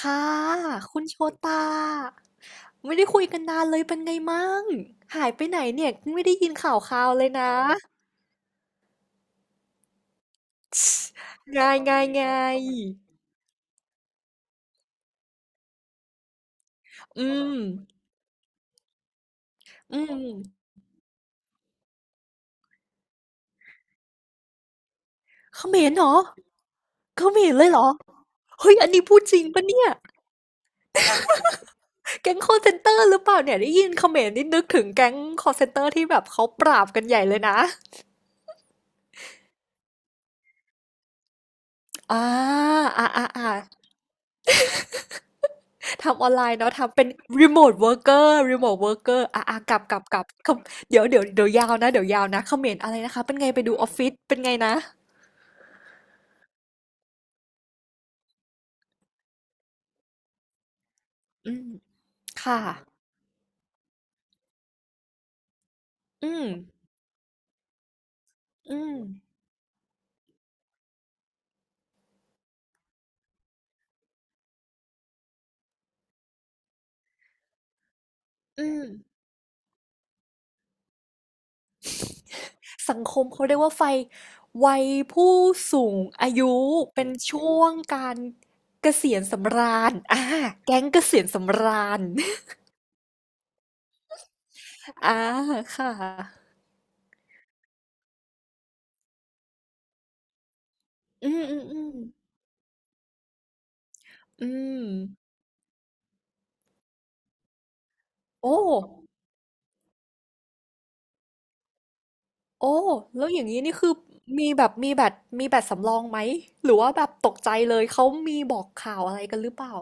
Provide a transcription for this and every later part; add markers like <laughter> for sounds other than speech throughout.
ค่ะคุณโชตาไม่ได้คุยกันนานเลยเป็นไงมั่งหายไปไหนเนี่ยไม่ได้ยินข่าวคราวเลยนะ <laughs> <tsk> ง่ายงายงายอืมอืมเขมรเหรอเขมรเลยเหรอเฮ้ยอันนี้พูดจริงปะเนี่ยแก๊งคอลเซ็นเตอร์หรือเปล่าเนี่ยได้ยินเขมรนี่นึกถึงแก๊งคอลเซ็นเตอร์ที่แบบเขาปราบกันใหญ่เลยนะอ่าอ่าอ่าอ่า ทำออนไลน์เนาะทำเป็น remote worker remote worker อร์รีโมทเวิร์กเกอร์อ่ะอ่ะกลับคำเดี๋ยวยาวนะเดี๋ยวยาวนะเขมรอะไรนะคะเป็นไงไปดูออฟฟิศเป็นไงนะอืมค่ะอืมอืมอืมสังคมเขาเรียกว่าไฟวัยผู้สูงอายุเป็นช่วงการเกษียณสำราญอ่าแก๊งเกษียณสำราญอ่าค่ะอืมอืมอืมอืมโอ้ โอ้แล้วอย่างนี้นี่คือมีแบบมีแบตมีแบตสำรองไหมหรือว่าแบบตกใจเลยเขามีบอกข่าวอะไรกันหรือเปล่า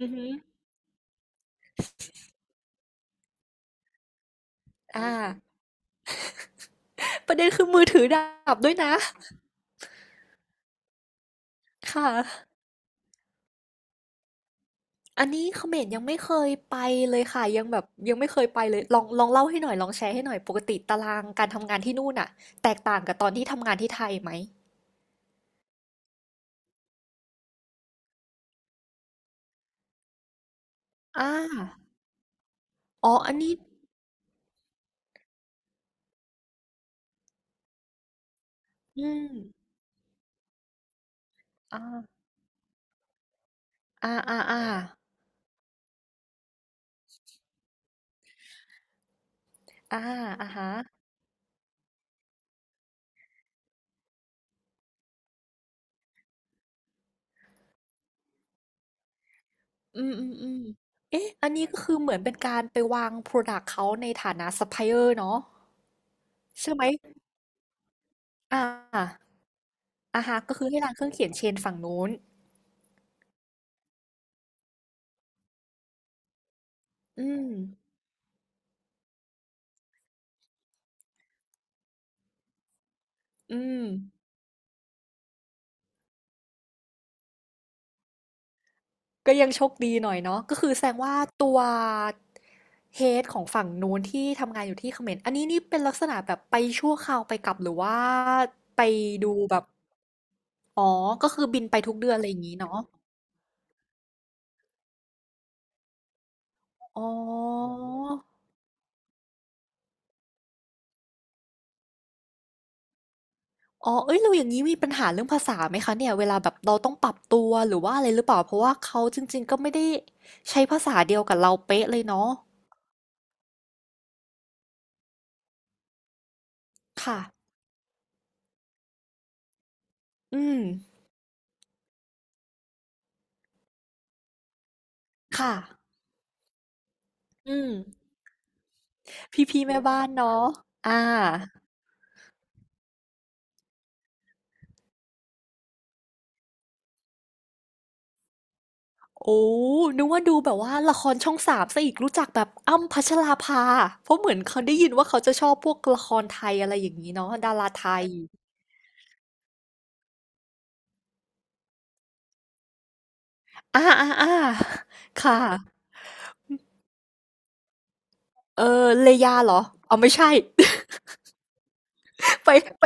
อือหืออ่าประเด็นคือมือถือดับด้วยนะค่ะอันนี้เขมรยังไม่เคยไปเลยค่ะยังแบบยังไม่เคยไปเลยลองลองเล่าให้หน่อยลองแชร์ให้หน่อยปกติตารางการทำงานที่นู่นน่ะแตกต่างกับตอนที่ทำงานที่ไทยไหมอ่าอ๋ออันนี้อืมอ่าอ่าอ่าอ่าอ่าอ่าฮะ อืมเอ๊ะอันนี้ก็คือเหมือนเป็นการไปวางพรอดักต์เขาในฐานะซัพพลายเออร์เนาะใช่ไหมอ่าอาฮะก็คือให้ร้านเครื่องเขียนเชนฝั่งนู้นอืมอืมก็ยังโชคดีหน่อยเนาะก็คือแสดงว่าตัว HEA ของฝั่งนู้นที่ทำงานอยู่ที่เขมรอันนี้นี่เป็นลักษณะแบบไปชั่วคราวไปกลับหรือว่าไปดูแบบอ๋อก็คือบินไปทุกเดือนอะไรอย่างนี้เนาะอ๋อ อ๋อเอ้ยเราอย่างนี้มีปัญหาเรื่องภาษาไหมคะเนี่ยเวลาแบบเราต้องปรับตัวหรือว่าอะไรหรือเปล่า เพราะว่าเขาจริงๆก็ไม่ได้ใช้ภาษาเดียวกับเราเป๊ะเลยเนาะค่ะ อืม ค่ะ อืมพี่แม่บ้านเนาะอ่าโอ้นึกว่าดูแบบว่าละครช่องสามซะอีกรู้จักแบบอ้ำพัชราภาเพราะเหมือนเขาได้ยินว่าเขาจะชอบพวกละครไทยอะไรอย่างนี้เนาะดาราไทยอ่าอ่าอ่าค่ะเออเลยาเหรอเอาไม่ใช่ <laughs> ไปไป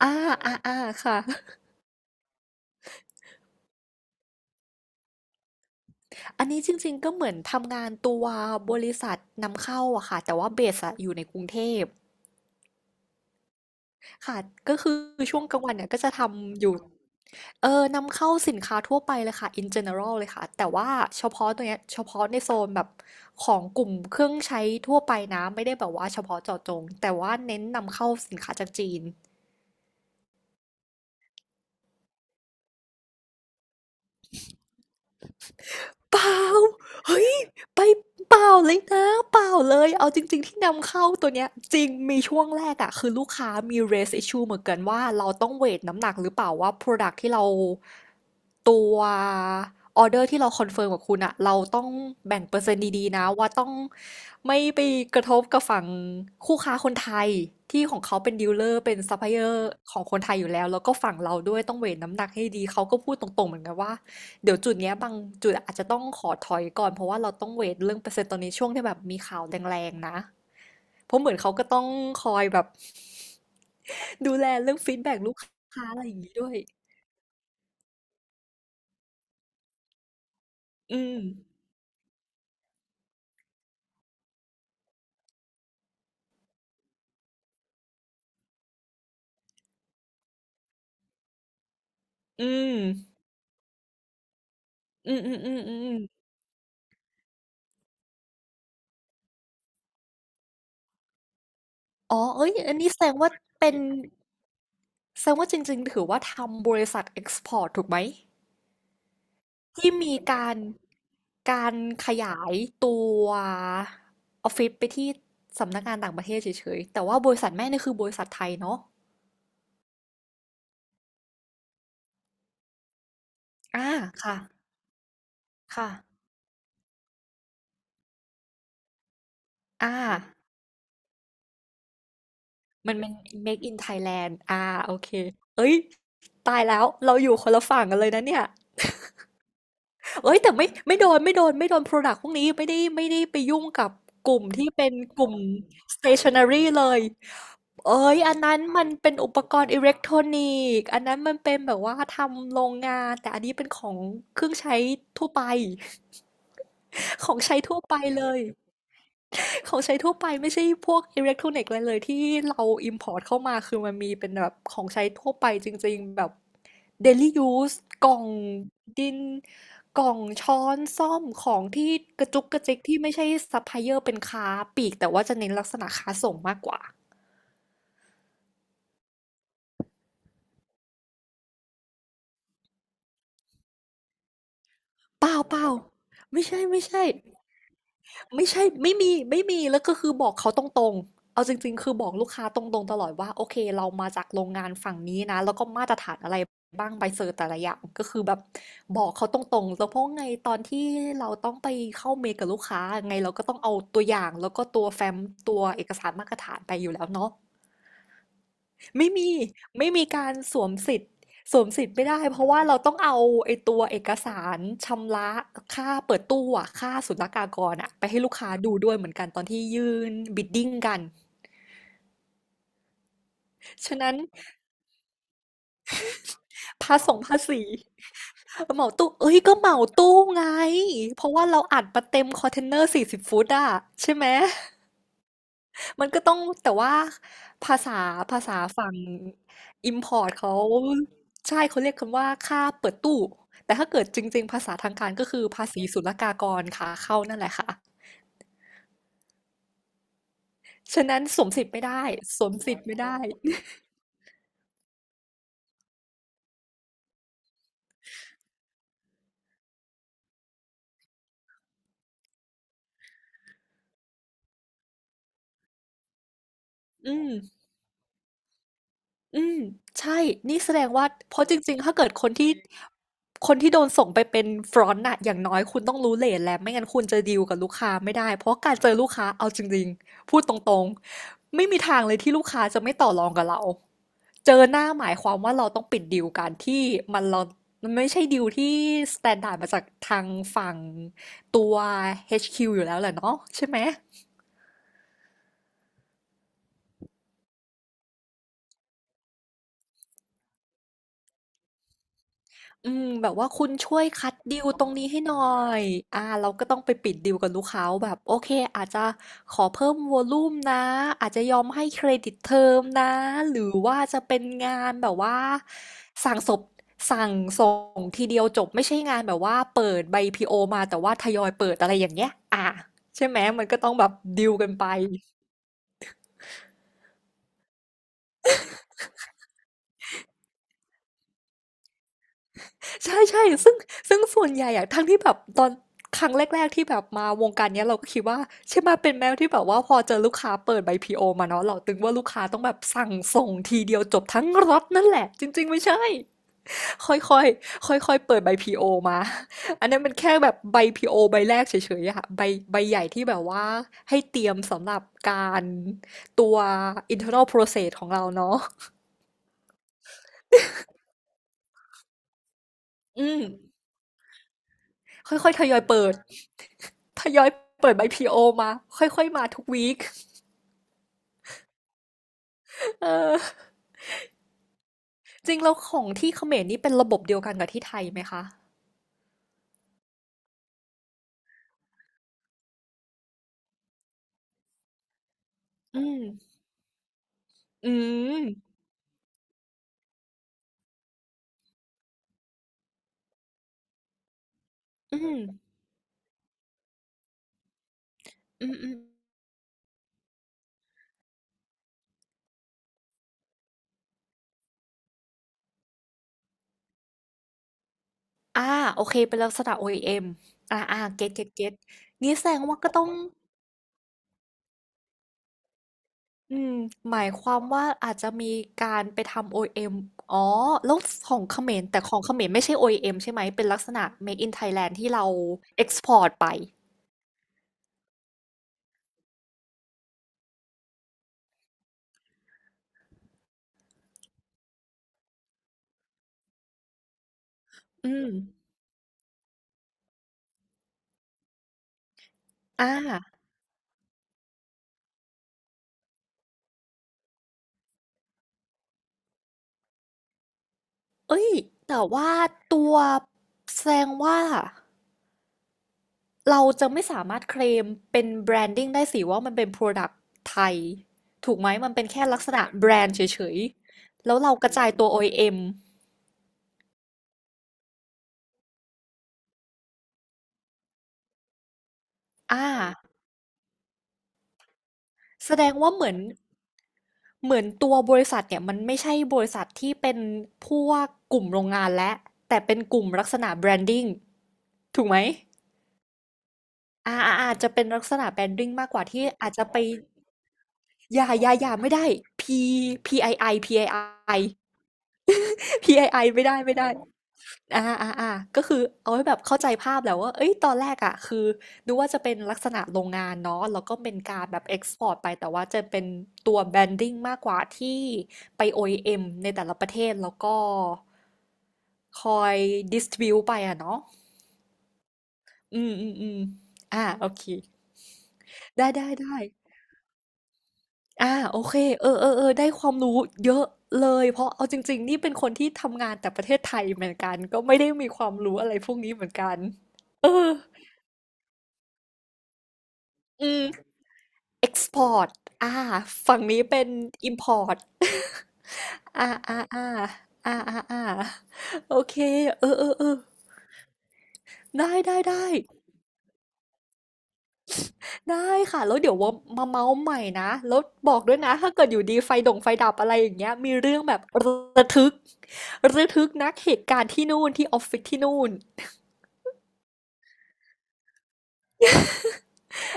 อ่าอ่าอ่าค่ะ <laughs> อันนี้จริงๆก็เหมือนทำงานตัวบริษัทนำเข้าอะค่ะแต่ว่าเบสอะอยู่ในกรุงเทพค่ะก็คือช่วงกลางวันเนี่ยก็จะทำอยู่นำเข้าสินค้าทั่วไปเลยค่ะ in general เลยค่ะแต่ว่าเฉพาะตัวเนี้ยเฉพาะในโซนแบบของกลุ่มเครื่องใช้ทั่วไปนะไม่ได้แบบว่าเฉพาะเจาะจงแต่ว่าเน้นนำเข้าสินค้าจากจีน เปล่าเฮ้ยไปเปล่าเลยนะเปล่าเลย เอาจริงๆที่นำเข้าตัวเนี้ยจริงมีช่วงแรกอะคือลูกค้ามี raise issue เหมือนกันว่าเราต้องเวทน้ำหนักหรือเปล่าว่า product ที่เราตัวออเดอร์ที่เราคอนเฟิร์มกับคุณอะเราต้องแบ่งเปอร์เซ็นต์ดีๆนะว่าต้องไม่ไปกระทบกับฝั่งคู่ค้าคนไทยที่ของเขาเป็นดีลเลอร์เป็นซัพพลายเออร์ของคนไทยอยู่แล้วแล้วก็ฝั่งเราด้วยต้องเวทน้ำหนักให้ดีเขาก็พูดตรงๆเหมือนกันว่า เดี๋ยวจุดเนี้ยบางจุดอาจจะต้องขอถอยก่อนเพราะว่าเราต้องเวทเรื่องเปอร์เซ็นต์ตอนนี้ช่วงที่แบบมีข่าวแรงๆนะเพราะเหมือนเขาก็ต้องคอยแบบดูแลเรื่องฟีดแบ็กลูกค้าอะไรอย่างนี้ด้วยอืมอืมอืมอ๋อเอ้ยอันนี้แสดงว่าเป็นแสดงว่าจริงๆถือว่าทำบริษัทเอ็กซ์พอร์ตถูกไหมที่มีการการขยายตัวออฟฟิศไปที่สำนักงานต่างประเทศเฉยๆแต่ว่าบริษัทแม่นี่คือบริษัทไทยเนาะ อาค่ะค่ะอามันเป็น Made in Thailand อาโอเคเฮ้ยตายแล้วเราอยู่คนละฝั่งกันเลยนะเนี่ยเอ้ยแต่ไม่โดนไม่โดนพรอดักต์พวกนี้ไม่ได้ไปยุ่งกับกลุ่มที่เป็นกลุ่ม stationery เลยเอ้ยอันนั้นมันเป็นอุปกรณ์อิเล็กทรอนิกส์อันนั้นมันเป็นแบบว่าทำโรงงานแต่อันนี้เป็นของเครื่องใช้ทั่วไป <laughs> ของใช้ทั่วไปเลย <laughs> ของใช้ทั่วไปไม่ใช่พวกอิเล็กทรอนิกส์อะไรเลยที่เราอิมพอร์ตเข้ามาคือมันมีเป็นแบบของใช้ทั่วไปจริงๆแบบ daily use กล่องดินกล่องช้อนซ้อมของที่กระจุกกระจิกที่ไม่ใช่ซัพพลายเออร์เป็นค้าปลีกแต่ว่าจะเน้นลักษณะค้าส่งมากกว่าเปล่าเปล่าไม่ใช่ไม่ใช่ ไม่ใช่ไม่มีไม่มีแล้วก็คือบอกเขาตรงๆเอาจริงๆคือบอกลูกค้าตรงๆตลอดว่าโอเคเรามาจากโรงงานฝั่งนี้นะแล้วก็มาตรฐานอะไรบ้างใบเซอร์แต่ละอย่างก็คือแบบบอกเขาตรงๆแล้วเพราะไงตอนที่เราต้องไปเข้าเมลกับลูกค้าไงเราก็ต้องเอาตัวอย่างแล้วก็ตัวแฟ้มตัวเอกสารมาตรฐานไปอยู่แล้วเนาะ ไม่มีไม่มีการสวมสิทธิ์สวมสิทธิ์ไม่ได้เพราะว่าเราต้องเอาไอ้ตัวเอกสารชำระค่าเปิดตู้อะค่าศุลกากรอะไปให้ลูกค้าดูด้วยเหมือนกันตอนที่ยื่นบิดดิ้งกันฉะนั้นภาษีเหมาตู้เอ้ยก็เหมาตู้ไงเพราะว่าเราอัดมาเต็มคอนเทนเนอร์สี่สิบฟุตอะใช่ไหม มันก็ต้องแต่ว่าภาษาภาษาฝั่ง import เขาใช่เขาเรียกคำว่าค่าเปิดตู้แต่ถ้าเกิดจริงๆภาษาทางการก็คือภาษีศุลกากรค่ะเข้านั่นแหละค่ะฉะนั้นสวมสิทธิ์ไม่ได้สวมสิทธิ์ไม่ได้อืม อืมใช่นี่แสดงว่าเพราะจริงๆ ถ้าเกิดคนที่โดนส่งไปเป็น front น่ะอย่างน้อยคุณต้องรู้เรทแล้วไม่งั้นคุณจะดีลกับลูกค้าไม่ได้เพราะการเจอลูกค้าเอาจริงๆพูดตรงๆไม่มีทางเลยที่ลูกค้าจะไม่ต่อรองกับเราเจอหน้าหมายความว่าเราต้องปิดดีลกันที่มันเรามันไม่ใช่ดีลที่ s t ต n d า r d มาจากทางฝั่งตัว HQ อชคิวอยู่แล้วแหละเนาะใช่ไหม อืมแบบว่าคุณช่วยคัดดีลตรงนี้ให้หน่อยอ่าเราก็ต้องไปปิดดีลกับลูกค้าว่าแบบโอเคอาจจะขอเพิ่มวอลลุ่มนะอาจจะยอมให้เครดิตเทอมนะหรือว่าจะเป็นงานแบบว่าสั่งสบสั่งส่งทีเดียวจบไม่ใช่งานแบบว่าเปิดใบพีโอมาแต่ว่าทยอยเปิดอะไรอย่างเงี้ยอ่าใช่ไหมมันก็ต้องแบบดีลกันไป ใช่ๆซึ่งส่วนใหญ่อะทั้งที่แบบตอนครั้งแรกๆที่แบบมาวงการเนี้ยเราก็คิดว่าใช่ไหมเป็นแมวที่แบบว่าพอเจอลูกค้าเปิดใบ PO มาเนาะเราตึงว่าลูกค้าต้องแบบสั่งส่งทีเดียวจบทั้งรถนั่นแหละจริงๆไม่ใช่ค่อยๆค่อยๆเปิดใบ PO มาอันนั้นมันแค่แบบใบ PO ใบแรกเฉยๆอะค่ะใบใหญ่ที่แบบว่าให้เตรียมสำหรับการตัว internal process ของเราเนาะอืมค่อยๆทยอยเปิด ทยอยเปิดใบ PO มาค่อยๆมาทุกวีกเออจริงแล้วของที่เขมรนี่เป็นระบบเดียวกันกับที่ไทยไหมคะอืมอืมอืมอืมอืมอ่าโอเคเป็นลักษณะ OEM ออีเอ็มอ่าอ่าเก็ตเก็ตเก็ตนี้แสดงว่าก็ต้องอืมหมายความว่าอาจจะมีการไปทำ OEM ออีเอ็มอ๋อแล้วของเขมรแต่ของเขมรไม่ใช่ OEM ใช่ไหมเป็นลักษณะ Made in Thailand ที่เรา export ไปอืมอ่า เอ้ยแต่ว่าตัวแสดงว่าเราจะไม่สามารถเคลมเป็นแบรนดิ้งได้สิว่ามันเป็น Product ไทยถูกไหมมันเป็นแค่ลักษณะแบรนด์เฉยๆแล้วเรากระจายตัว OEM ออีเอ็มอ่าแสดงว่าเหมือนเหมือนตัวบริษัทเนี่ยมันไม่ใช่บริษัทที่เป็นพวกกลุ่มโรงงานและแต่เป็นกลุ่มลักษณะแบรนดิ้งถูกไหมอ่าอาจจะเป็นลักษณะแบรนดิ้งมากกว่าที่อาจจะไป อย่าอย่าอย่าไม่ได้ P PII PII PII <laughs> ไม่ได้ไม่ได้อ่าอ่าอ่าก็คือเอาให้แบบเข้าใจภาพแหล้วว่าเอ้ยตอนแรกอ่ะคือดูว่าจะเป็นลักษณะโรงงานเนาะ แล้วก็เป็นการแบบเอ็กซ์พอร์ตไปแต่ว่าจะเป็นตัวแบรนดิ้งมากกว่าที่ไป OEM ในแต่ละประเทศแล้วก็คอยดิสทริบิวไปอ่ะเนาะ อืมอืมอืมอ่าโอเคได้ได้ได้ อาโอเคเออๆๆได้ความรู้เยอะเลยเพราะเอาจริงๆนี่เป็นคนที่ทำงานแต่ประเทศไทยเหมือนกันก็ไม่ได้มีความรู้อะไรพวกนี้เหมือนกันเอออืมเอ็กซ์พอร์ตอาฝั่งนี้เป็น <laughs> อิมพออ่ตอาๆๆอาๆๆโอเคเออๆๆได้ๆๆ ได้ค่ะ แล้วเดี๋ยวว่ามาเมาส์ใหม่นะ แล้วบอกด้วยนะ ถ้าเกิดอยู่ดีไฟดับอะไรอย่างเงี้ยมีเรื่องแบบระทึกระทึกนักเหตุการณ์ที่นู่นที่ออฟฟิศที่นู่น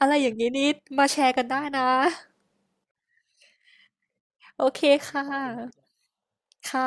อะไรอย่างงี้นี่มาแชร์กันได้นะ โอเคค่ะค่ะ